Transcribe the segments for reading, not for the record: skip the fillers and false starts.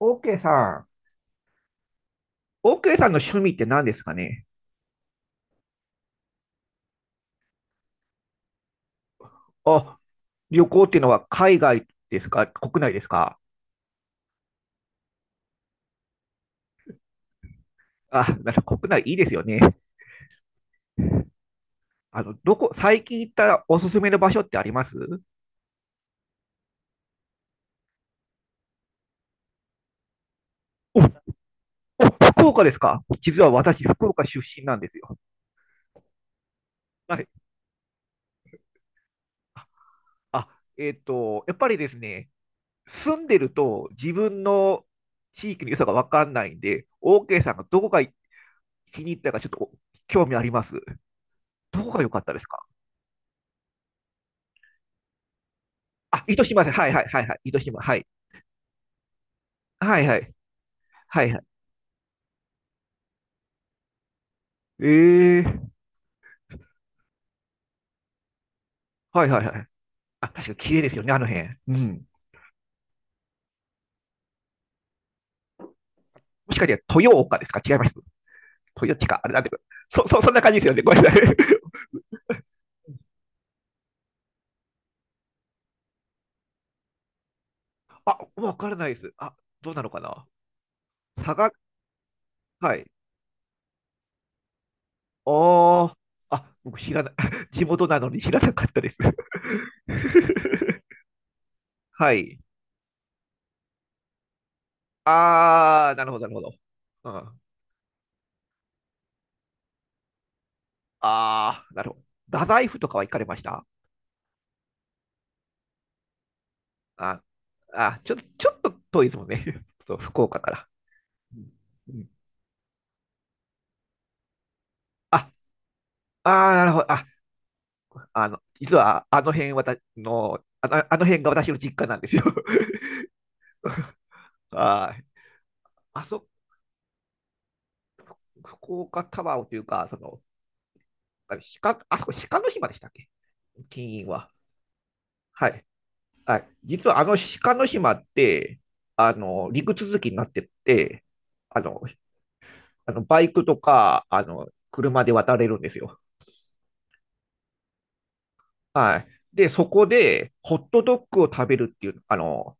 オーケーさん、オーケーさんの趣味って何ですかね？あ、旅行っていうのは海外ですか、国内ですか？あ、なんか国内いいですよね。最近行ったおすすめの場所ってあります？お、福岡ですか？実は私、福岡出身なんですよ。はい。あ、やっぱりですね、住んでると自分の地域の良さがわかんないんで、オーケーさんがどこが気に入ったかちょっと興味あります。どこが良かったですか？あ、糸島です。はいはいはいはい。糸島。はい。はいはい。はいはい。ええ、はいはいはい。あ、確かに綺麗ですよね、あの辺。うん。もしかして豊岡ですか？違います。豊地か。あれなんていうか。そんな感じですよね。ごめんなさい。あ、わからないです。あ、どうなのかな。佐賀、はい。ああ、僕知らない。地元なのに知らなかったです。はい。ああ、なるほど、なるほど。うん。ああ、なるほど。太宰府とかは行かれました？あ、あ、ちょっと遠いですもんね。そう、福岡から。うん、うん、あ、あー、なるほど。あ、実はあの辺私の、あの、あの辺が私の実家なんですよ。はい。あそ、福岡タワーというか、あれ鹿、あそこ鹿の島でしたっけ？金印は。はい。はい。実は鹿の島って、陸続きになってて、あの、バイクとか、車で渡れるんですよ。はい。で、そこで、ホットドッグを食べるっていう、あの、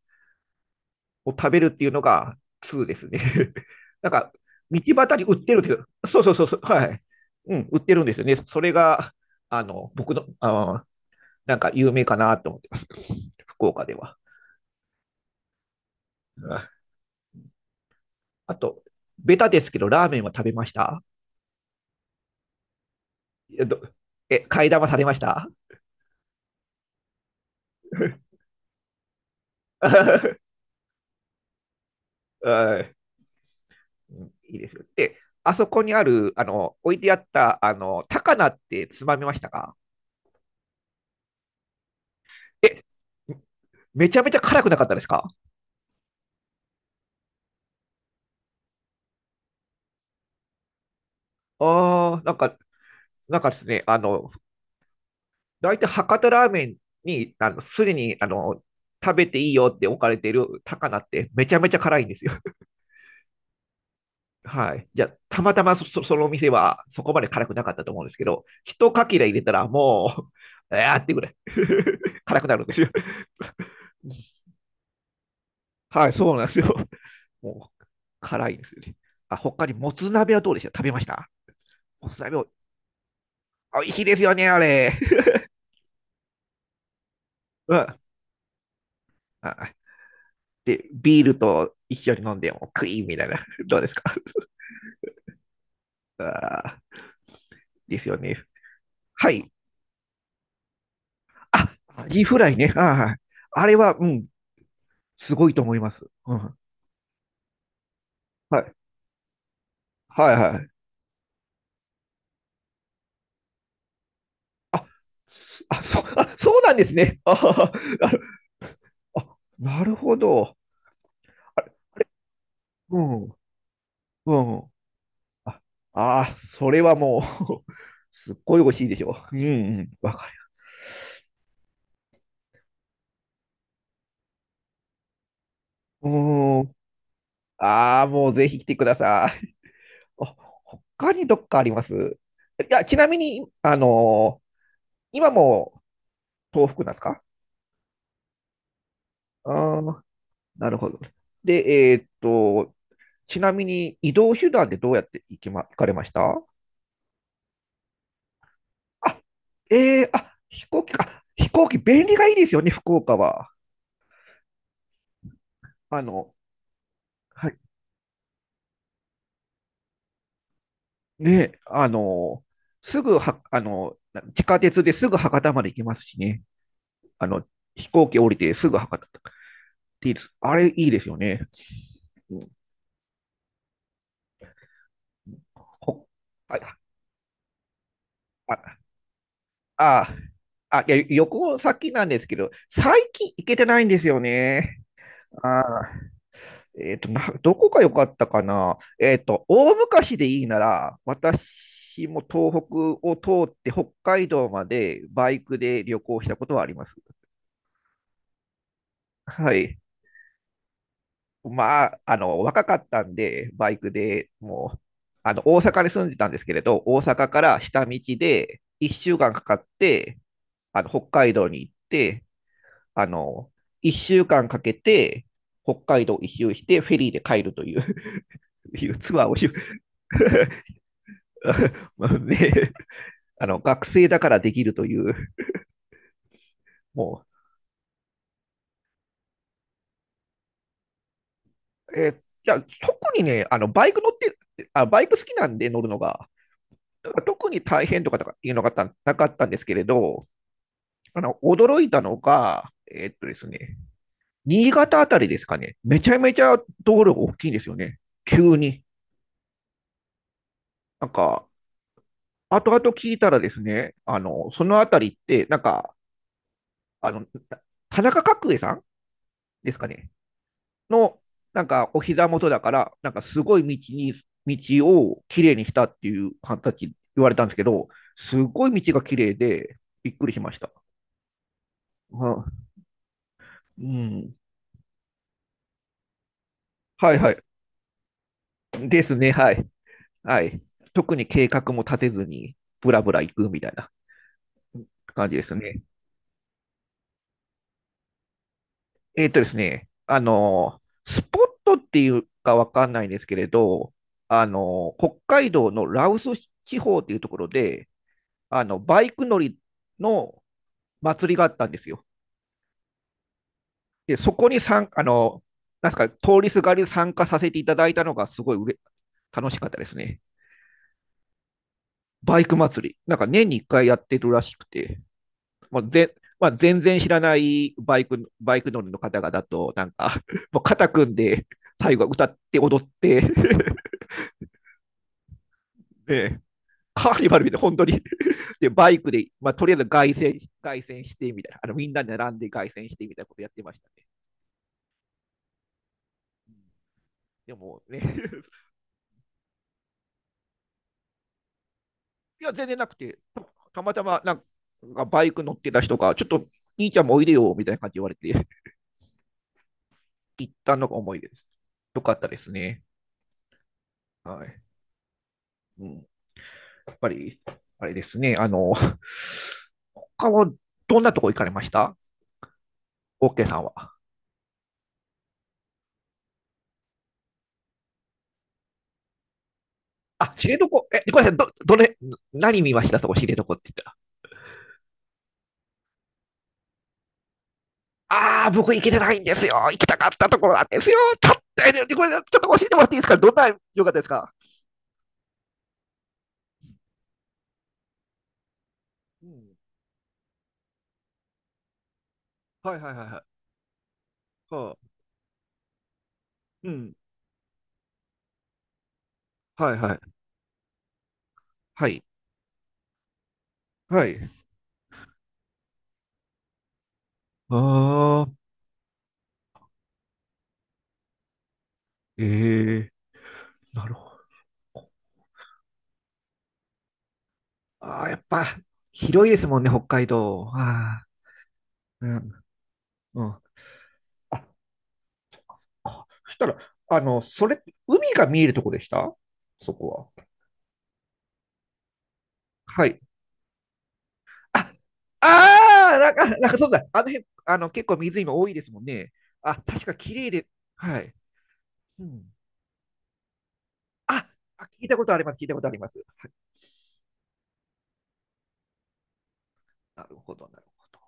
を食べるっていうのが2ですね。なんか、道端に売ってるんですよ。そうそうそうそう、はい。うん、売ってるんですよね。それが、あの、僕の、あなんか有名かなと思ってます、福岡では。あと、ベタですけど、ラーメンは食べました？え、買い玉されました？ いいですよ。で、あそこにある、置いてあった、高菜ってつまみましたか？え、めちゃめちゃ辛くなかったですか？ああ、なんかですね、大体博多ラーメンに、すでに、食べていいよって置かれている高菜ってめちゃめちゃ辛いんですよ。はい。じゃあ、たまたまそのお店はそこまで辛くなかったと思うんですけど、一かけら入れたらもう、えーってぐらい 辛くなるんですよ。はい、そうなんですよ。もう、辛いですよね。あ、他にもつ鍋はどうでした？食べました？もつ鍋を、美味しいですよね、あれ。うん。あ、で、ビールと一緒に飲んでもクイーンみたいな。どうですか？ あ、ですよね。はい。あ、アジフライね。あ、はい。あれは、うん、すごいと思います。うん、はい。はいはい。あ、あ、そうなんですね。あああ、なるほど。あれ、うん、うん。あ、あ、それはもう、すっごい美味しいでしょう。うん、うん、わかる。うん。ああ、もうぜひ来てください。あ、他にどっかあります？いや、ちなみに、今も東北なんですか？ああー、なるほど。で、えーっと、ちなみに移動手段でどうやって行きま、行かれました？あ、あ、飛行機か。飛行機便利がいいですよね、福岡は。あの、はい。ね、あのすぐは、あのな地下鉄ですぐ博多まで行きますしね。あの、飛行機降りてすぐ博多とかっていいです。あれいいですよね。うんほはい、あ、あ、あ、いや、旅行先なんですけど、最近行けてないんですよね。あどこが良かったかな。大昔でいいなら、私も東北を通って北海道までバイクで旅行したことはあります。はい。まあ、若かったんで、バイクでもう、大阪に住んでたんですけれど、大阪から下道で1週間かんかかって、北海道に行って、あの、1週間かんかけて、北海道一周して、フェリーで帰るという いうツアーをし まあね、学生だからできるという、もう、いや特にね、バイク乗ってバイク好きなんで乗るのが、だから特に大変とかいうのがたなかったんですけれど、驚いたのが、ですね、新潟あたりですかね、めちゃめちゃ道路が大きいんですよね、急に。なんか、後々聞いたらですね、そのあたりって、なんか、あの、田中角栄さんですかね、の、なんかお膝元だから、なんかすごい道をきれいにしたっていう形言われたんですけど、すごい道がきれいで、びっくりしました。はうん。はいはい。ですね、はい。はい。特に計画も立てずに、ぶらぶら行くみたいな感じですね。えっとですね、あの、スポットっていうかわかんないんですけれど、北海道の羅臼地方っていうところで、バイク乗りの祭りがあったんですよ。で、そこに参あの、なんすか、通りすがり参加させていただいたのがすごい楽しかったですね。バイク祭り。なんか年に1回やってるらしくて、もうぜ、まあ、全然知らないバイク乗りの方々と、なんか、もう肩組んで、最後は歌って踊って で、カーニバルみたいな、本当に で、バイクで、まあ、とりあえず凱旋してみたいな、みんなで並んで凱旋してみたいなことやってましたね。うん。でもね、いや、全然なくて、たまたまなんかバイク乗ってた人が、ちょっと兄ちゃんもおいでよみたいな感じで言われて、行ったのが思い出です。よかったですね。はい。うん、やっぱり、あれですね、他はどんなとこ行かれました？オッケーさんは。あ、知床、え、ごめんなさい、どれ、何見ました、そこ、知床って言ったら？ああ、僕行けてないんですよ。行きたかったところなんですよ。ちょっと、これ、ちょっと教えてもらっていいですか？どんな良かったですか？うん。はいはいはいはい。はあ、うん。はいはい。はい。はい。ああ、ええ、なるほど。ああ、やっぱ、広いですもんね、北海道。ああ、うん。うん。あ、そしたら、それ、海が見えるとこでしたそこは？はい。あ、ああ、なんかそうだ。あの辺、結構水今多いですもんね。あ、確か綺麗で、はい。うん。あ、あ、聞いたことあります。聞いたことあります。はい、なるほど、なるほど。